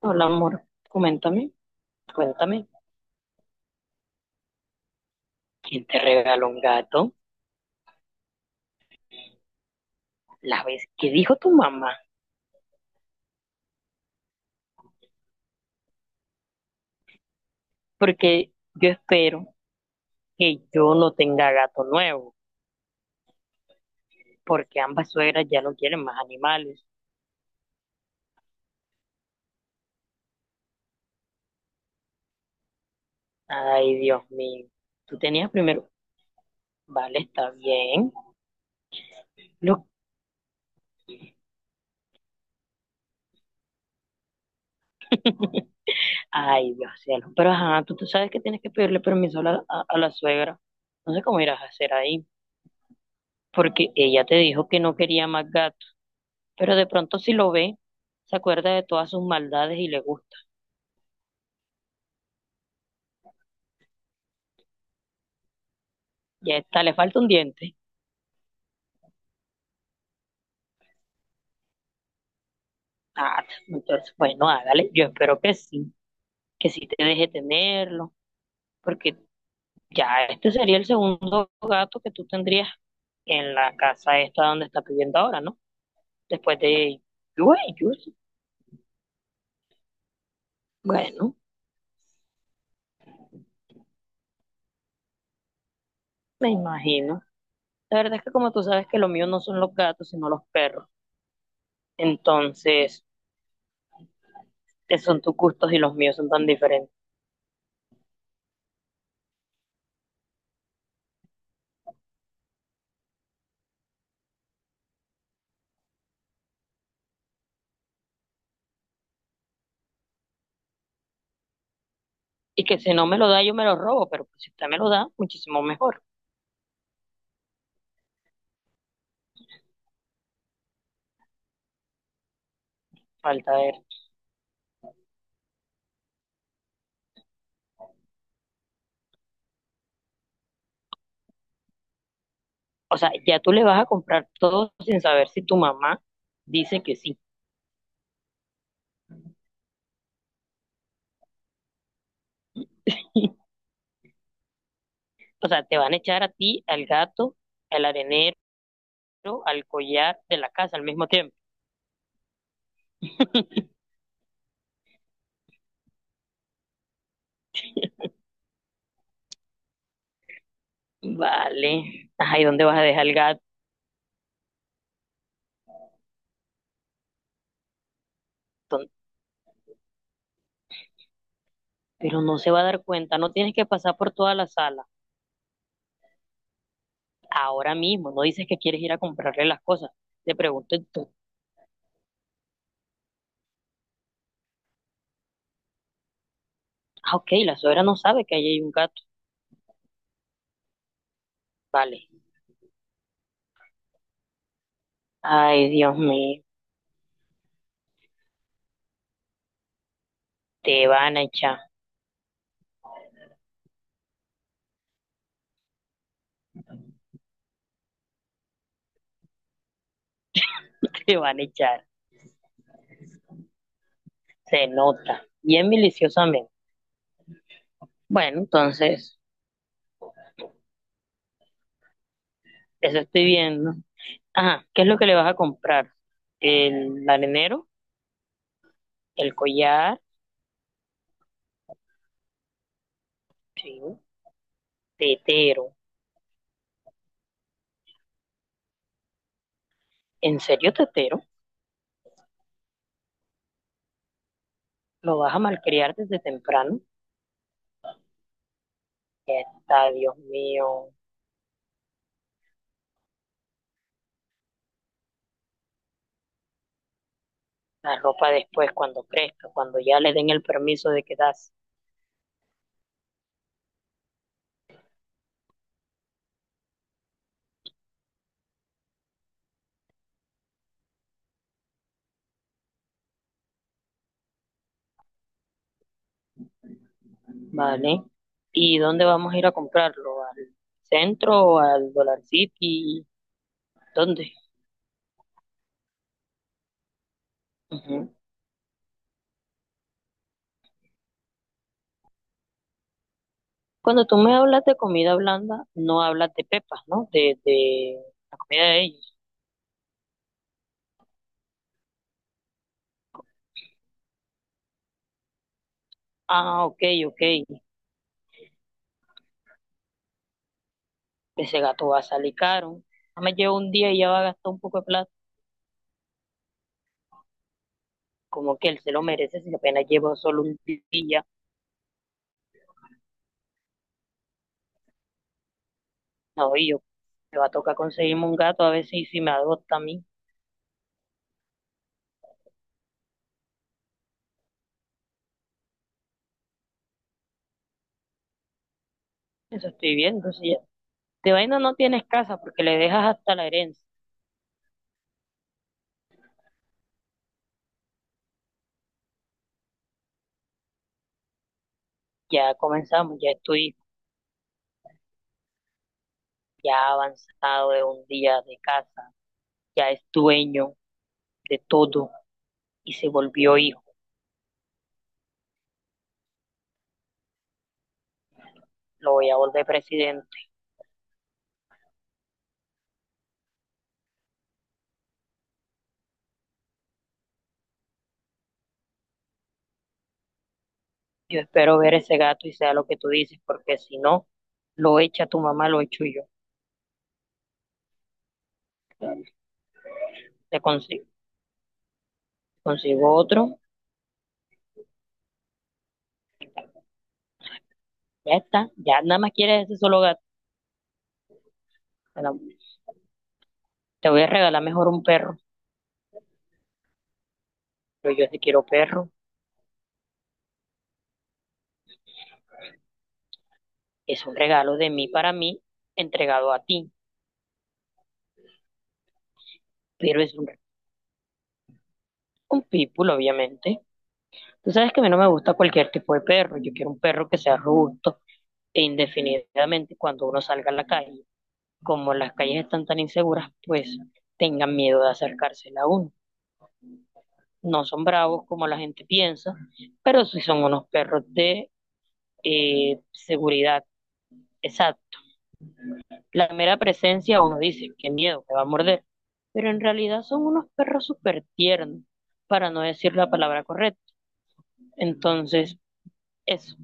Hola, amor. Coméntame, cuéntame. ¿Quién te regaló un gato? La vez que dijo tu mamá. Porque yo espero que yo no tenga gato nuevo. Porque ambas suegras ya no quieren más animales. Ay, Dios mío. Tú tenías primero. Vale, está bien. Lo- Ay, Dios cielo. Pero ajá, tú sabes que tienes que pedirle permiso a la suegra. No sé cómo irás a hacer ahí. Porque ella te dijo que no quería más gatos, pero de pronto si lo ve, se acuerda de todas sus maldades y le gusta. Ya está, le falta un diente. Ah, entonces, bueno, hágale. Yo espero que sí te deje tenerlo, porque ya este sería el segundo gato que tú tendrías en la casa esta donde estás viviendo ahora, ¿no? Después de Yue Yusi. Bueno, me imagino. La verdad es que como tú sabes que lo mío no son los gatos, sino los perros. Entonces, esos son tus gustos y los míos son tan diferentes. Y que si no me lo da, yo me lo robo, pero pues, si usted me lo da, muchísimo mejor. Falta ver. O sea, ya tú le vas a comprar todo sin saber si tu mamá dice que sí. O sea, te van a echar a ti, al gato, al arenero, al collar de la casa al mismo tiempo. Vale. Ajá, ¿y dónde vas a dejar el gato? Pero no se va a dar cuenta, no tienes que pasar por toda la sala. Ahora mismo, no dices que quieres ir a comprarle las cosas. Te pregunto, ah, ok, la suegra no sabe que ahí hay un gato. Vale. Ay, Dios mío. Te van a echar. Te van a echar, se nota, bien miliciosamente. Bueno, entonces, eso estoy viendo. Ajá, ¿qué es lo que le vas a comprar? El arenero, el collar, sí, tetero. ¿En serio, tetero? ¿Lo vas a malcriar desde temprano? Está, Dios mío. La ropa después, cuando crezca, cuando ya le den el permiso de quedarse, ¿vale? ¿Y dónde vamos a ir a comprarlo? ¿Al centro o al Dollar City? ¿Dónde? Ujú. Cuando tú me hablas de comida blanda, no hablas de pepas, ¿no? De la comida de ellos. Ah, ok, ok. Ese gato va a salir caro. Nada más lleva un día y ya va a gastar un poco de plata. Como que él se lo merece si apenas lleva solo un día. No, y yo me va a tocar conseguirme un gato a ver si me adopta a mí. Eso estoy viendo. Si ya. De vaina no tienes casa porque le dejas hasta la herencia. Ya comenzamos, ya estoy ya avanzado de un día de casa. Ya es dueño de todo y se volvió hijo, lo voy a volver presidente. Yo espero ver ese gato y sea lo que tú dices, porque si no, lo echa tu mamá, lo echo yo. Te consigo, consigo otro, ya está, ya nada más quieres ese solo gato. Bueno, te voy a regalar mejor un perro, pero yo sí quiero perro. Es un regalo de mí para mí, entregado a ti, pero es un pitbull, obviamente. Tú sabes que a mí no me gusta cualquier tipo de perro, yo quiero un perro que sea robusto e indefinidamente cuando uno salga a la calle, como las calles están tan inseguras, pues tengan miedo de acercársela a uno. No son bravos como la gente piensa, pero sí son unos perros de seguridad. Exacto. La mera presencia uno dice, qué miedo, que va a morder. Pero en realidad son unos perros súper tiernos, para no decir la palabra correcta. Entonces, eso.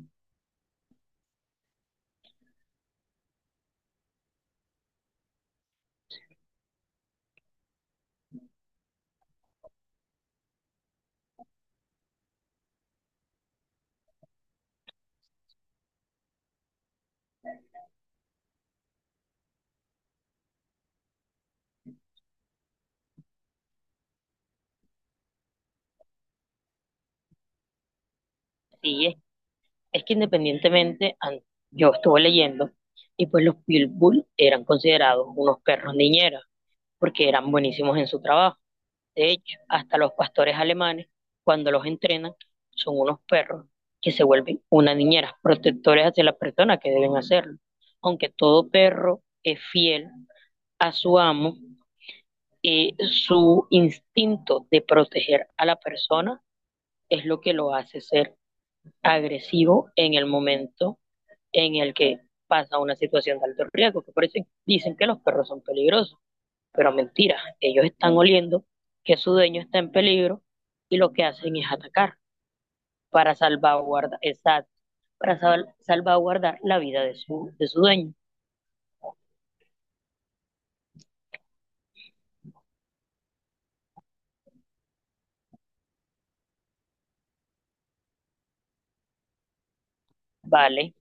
Sí, es que independientemente, yo estuve leyendo, y pues los Pitbull eran considerados unos perros niñeras, porque eran buenísimos en su trabajo. De hecho, hasta los pastores alemanes, cuando los entrenan, son unos perros que se vuelven una niñera protectores hacia las personas que deben hacerlo. Aunque todo perro es fiel a su amo, su instinto de proteger a la persona es lo que lo hace ser agresivo en el momento en el que pasa una situación de alto riesgo. Que por eso dicen que los perros son peligrosos, pero mentira, ellos están oliendo que su dueño está en peligro y lo que hacen es atacar para salvaguardar, exacto, para salvaguardar la vida de su dueño. Vale.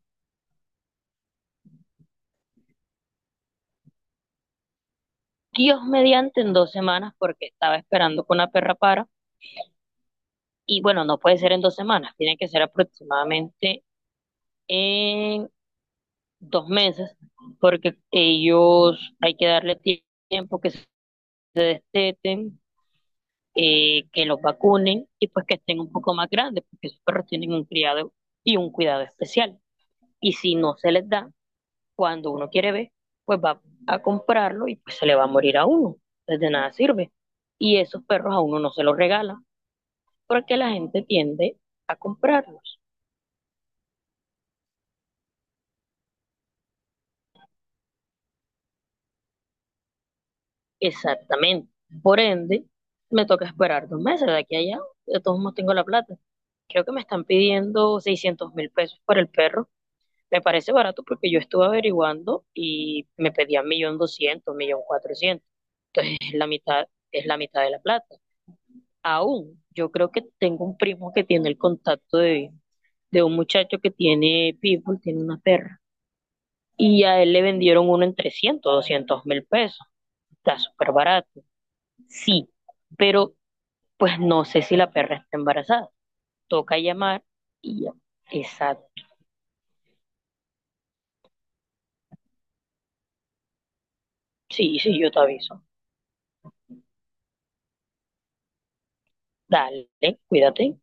Dios mediante en 2 semanas porque estaba esperando con la perra para. Y bueno, no puede ser en 2 semanas, tiene que ser aproximadamente en 2 meses porque ellos hay que darle tiempo que se esteten, que los vacunen y pues que estén un poco más grandes, porque esos perros tienen un criado y un cuidado especial. Y si no se les da, cuando uno quiere ver, pues va a comprarlo y pues se le va a morir a uno. Entonces de nada sirve. Y esos perros a uno no se los regala, porque la gente tiende a comprarlos. Exactamente. Por ende, me toca esperar 2 meses de aquí a allá. De todos modos tengo la plata. Creo que me están pidiendo $600.000 por el perro. Me parece barato porque yo estuve averiguando y me pedían 1.200.000, 1.400.000. Entonces es la mitad de la plata. Aún, yo creo que tengo un primo que tiene el contacto de un muchacho que tiene pitbull, tiene una perra, y a él le vendieron uno en 300.200.000 pesos. Está súper barato. Sí, pero pues no sé si la perra está embarazada. Toca llamar y ya. Exacto. Sí, sí, yo te aviso. Dale, cuídate.